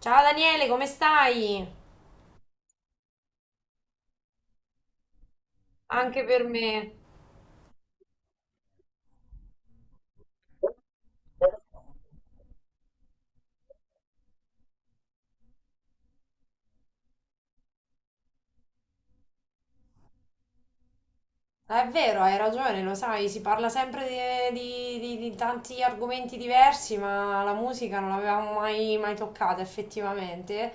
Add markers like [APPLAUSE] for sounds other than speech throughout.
Ciao Daniele, come stai? Anche per me. Ah, è vero, hai ragione, lo sai, si parla sempre di tanti argomenti diversi, ma la musica non l'avevamo mai toccata effettivamente.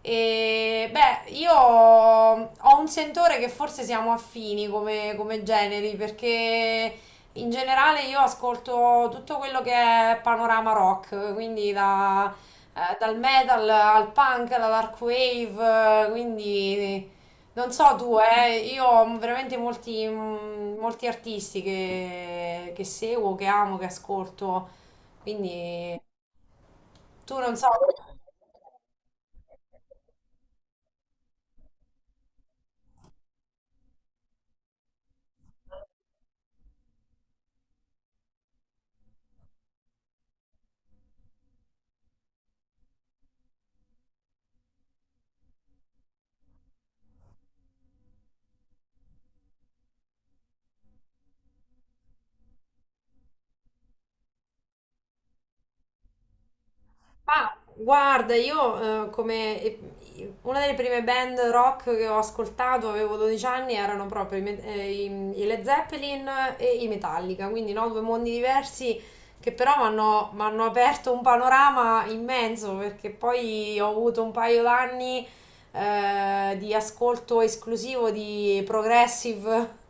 E beh, io ho un sentore che forse siamo affini come generi, perché in generale io ascolto tutto quello che è panorama rock, quindi dal metal al punk, alla dark wave, quindi... Non so tu, io ho veramente molti, molti artisti che seguo, che amo, che ascolto, quindi tu non so. Ma guarda, io una delle prime band rock che ho ascoltato, avevo 12 anni, erano proprio i Led Zeppelin e i Metallica, quindi no, due mondi diversi che però mi hanno aperto un panorama immenso, perché poi ho avuto un paio d'anni di ascolto esclusivo di progressive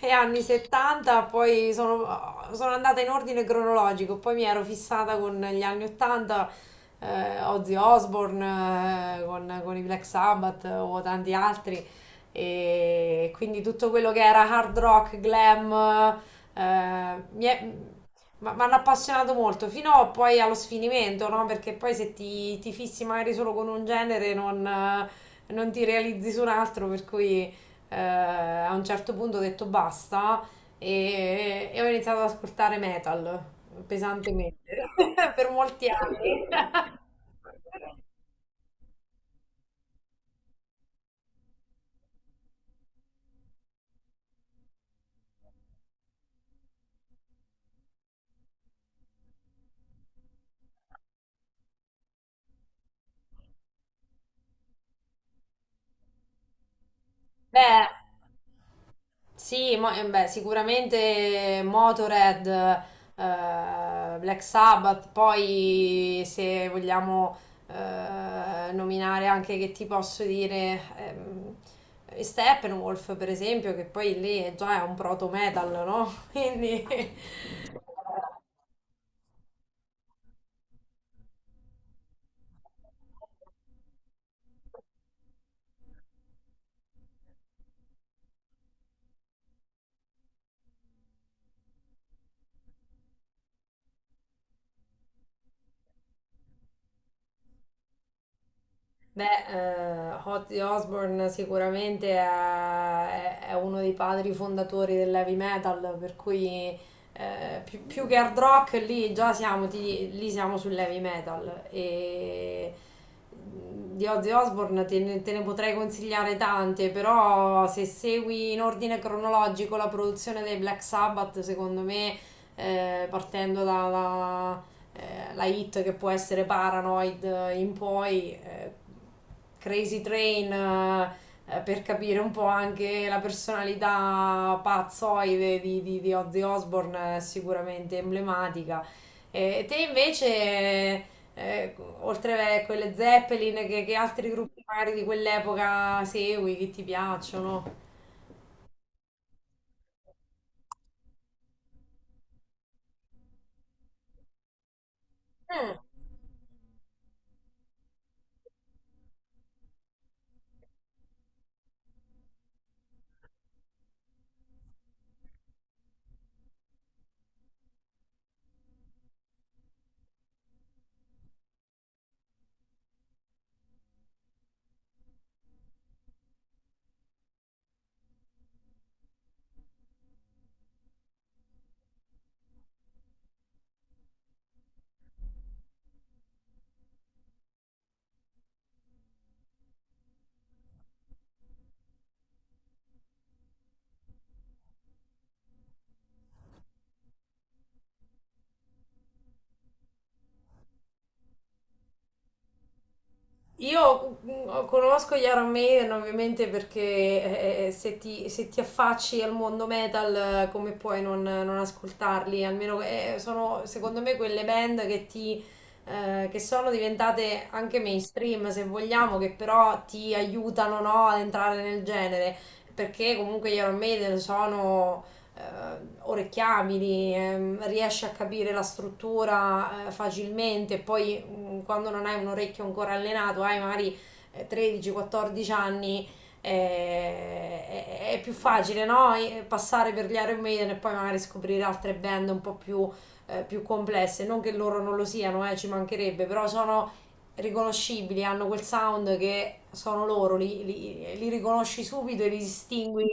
[LAUGHS] e anni 70. Poi sono andata in ordine cronologico, poi mi ero fissata con gli anni 80, Ozzy Osbourne con i Black Sabbath o tanti altri, e quindi tutto quello che era hard rock, glam, eh, mi è- mi hanno appassionato molto, fino poi allo sfinimento, no? Perché poi se ti fissi magari solo con un genere non, non ti realizzi su un altro, per cui a un certo punto ho detto basta, e ho iniziato ad ascoltare metal pesantemente [LAUGHS] per molti anni. [LAUGHS] Beh, sì, beh, sicuramente Motorhead, Black Sabbath, poi se vogliamo nominare anche, che ti posso dire, Steppenwolf per esempio, che poi lì è già un proto metal, no? [LAUGHS] Quindi beh, Ozzy Osbourne sicuramente è uno dei padri fondatori dell'heavy metal, per cui più che hard rock lì già siamo, lì siamo sull'heavy metal. E di Ozzy Osbourne te ne potrei consigliare tante, però se segui in ordine cronologico la produzione dei Black Sabbath, secondo me, partendo da la hit che può essere Paranoid in poi, Crazy Train, per capire un po' anche la personalità pazzoide di Ozzy Osbourne, sicuramente emblematica. E te invece, eh, oltre a quelle Zeppelin, che altri gruppi magari di quell'epoca segui, che ti piacciono? Mm. Io conosco gli Iron Maiden ovviamente perché se se ti affacci al mondo metal, come puoi non ascoltarli? Almeno sono secondo me quelle band che sono diventate anche mainstream, se vogliamo, che però ti aiutano, no, ad entrare nel genere, perché comunque gli Iron Maiden sono eh, orecchiabili, riesce a capire la struttura facilmente, poi quando non hai un orecchio ancora allenato, hai magari 13-14 anni, è più facile, no? Passare per gli Iron Maiden e poi magari scoprire altre band un po' più, più complesse, non che loro non lo siano, ci mancherebbe, però sono riconoscibili, hanno quel sound che sono loro, li riconosci subito e li distingui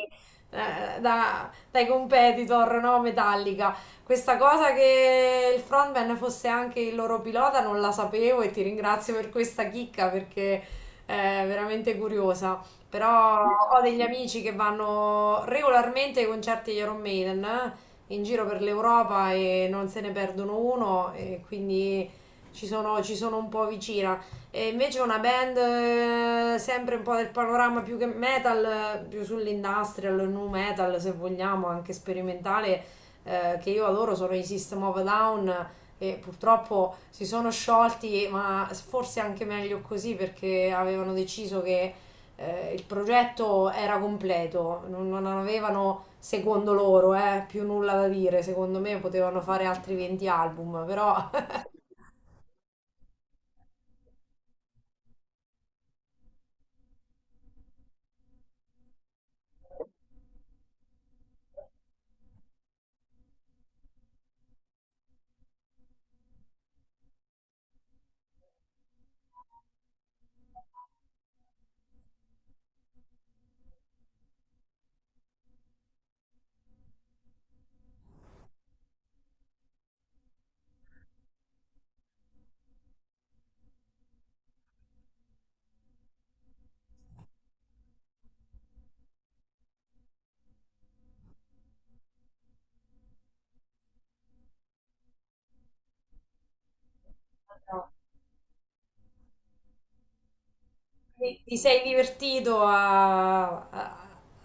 eh, da, dai competitor, no? Metallica. Questa cosa che il frontman fosse anche il loro pilota non la sapevo, e ti ringrazio per questa chicca perché è veramente curiosa. Però ho degli amici che vanno regolarmente ai concerti di Iron Maiden in giro per l'Europa e non se ne perdono uno, e quindi ci sono un po' vicina. E invece una band sempre un po' del panorama più che metal, più sull'industrial, nu metal se vogliamo, anche sperimentale, che io adoro, sono i System of a Down, e purtroppo si sono sciolti, ma forse anche meglio così, perché avevano deciso che il progetto era completo, non avevano, secondo loro, più nulla da dire. Secondo me potevano fare altri 20 album, però... [LAUGHS] No. Ti sei divertito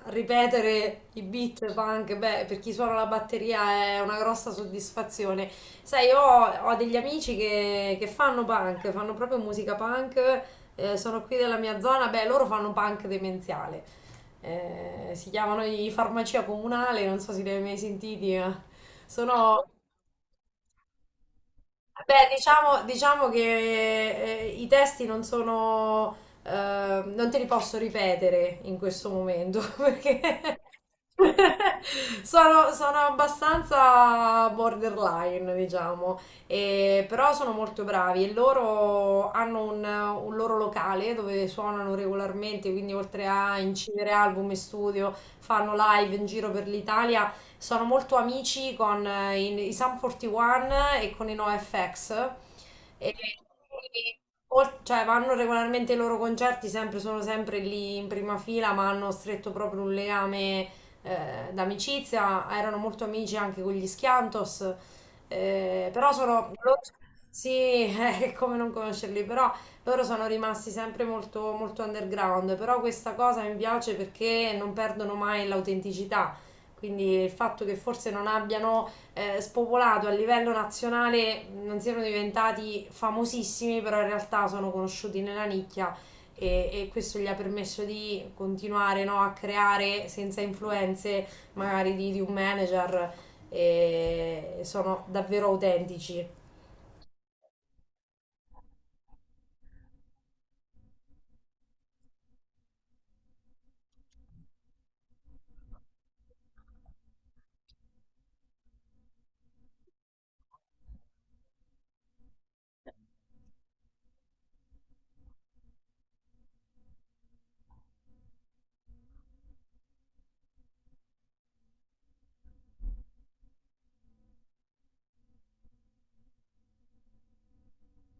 a ripetere i beat punk? Beh, per chi suona la batteria è una grossa soddisfazione. Sai, io ho degli amici che fanno punk, fanno proprio musica punk, sono qui della mia zona, beh, loro fanno punk demenziale. Si chiamano i Farmacia Comunale, non so se li hai mai sentiti, ma sono... Beh, diciamo che i testi non sono, non te li posso ripetere in questo momento [LAUGHS] perché [LAUGHS] sono abbastanza borderline, diciamo. Però sono molto bravi, e loro hanno un loro locale dove suonano regolarmente, quindi oltre a incidere album in studio, fanno live in giro per l'Italia, sono molto amici con i Sum 41 e con i NoFX. E quindi, cioè, vanno regolarmente ai loro concerti, sempre, sono sempre lì in prima fila, ma hanno stretto proprio un legame d'amicizia. Erano molto amici anche con gli Schiantos. eh, però sono... loro- Sì, [LAUGHS] è come non conoscerli, però loro sono rimasti sempre molto underground, però questa cosa mi piace perché non perdono mai l'autenticità. Quindi il fatto che forse non abbiano spopolato a livello nazionale, non siano diventati famosissimi, però in realtà sono conosciuti nella nicchia, e questo gli ha permesso di continuare, no, a creare senza influenze magari di un manager, e sono davvero autentici.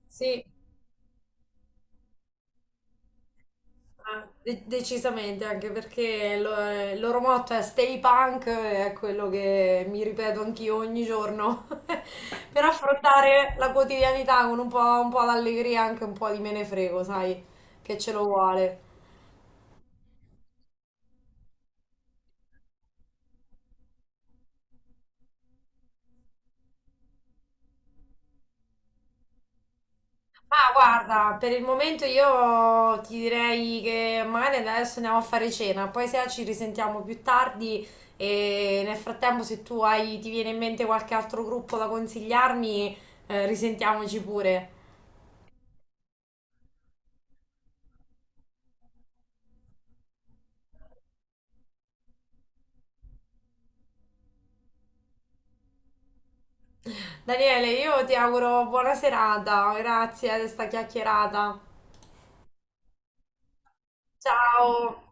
Sì, ah, decisamente, anche perché il loro motto è Stay Punk, è quello che mi ripeto anch'io ogni giorno, [LAUGHS] per affrontare la quotidianità con un po' d'allegria, anche un po' di me ne frego, sai, che ce lo vuole. Ma guarda, per il momento io ti direi che magari adesso andiamo a fare cena, poi se ci risentiamo più tardi e nel frattempo se tu hai, ti viene in mente qualche altro gruppo da consigliarmi, risentiamoci pure. Daniele, io ti auguro buona serata, grazie di questa chiacchierata. Ciao!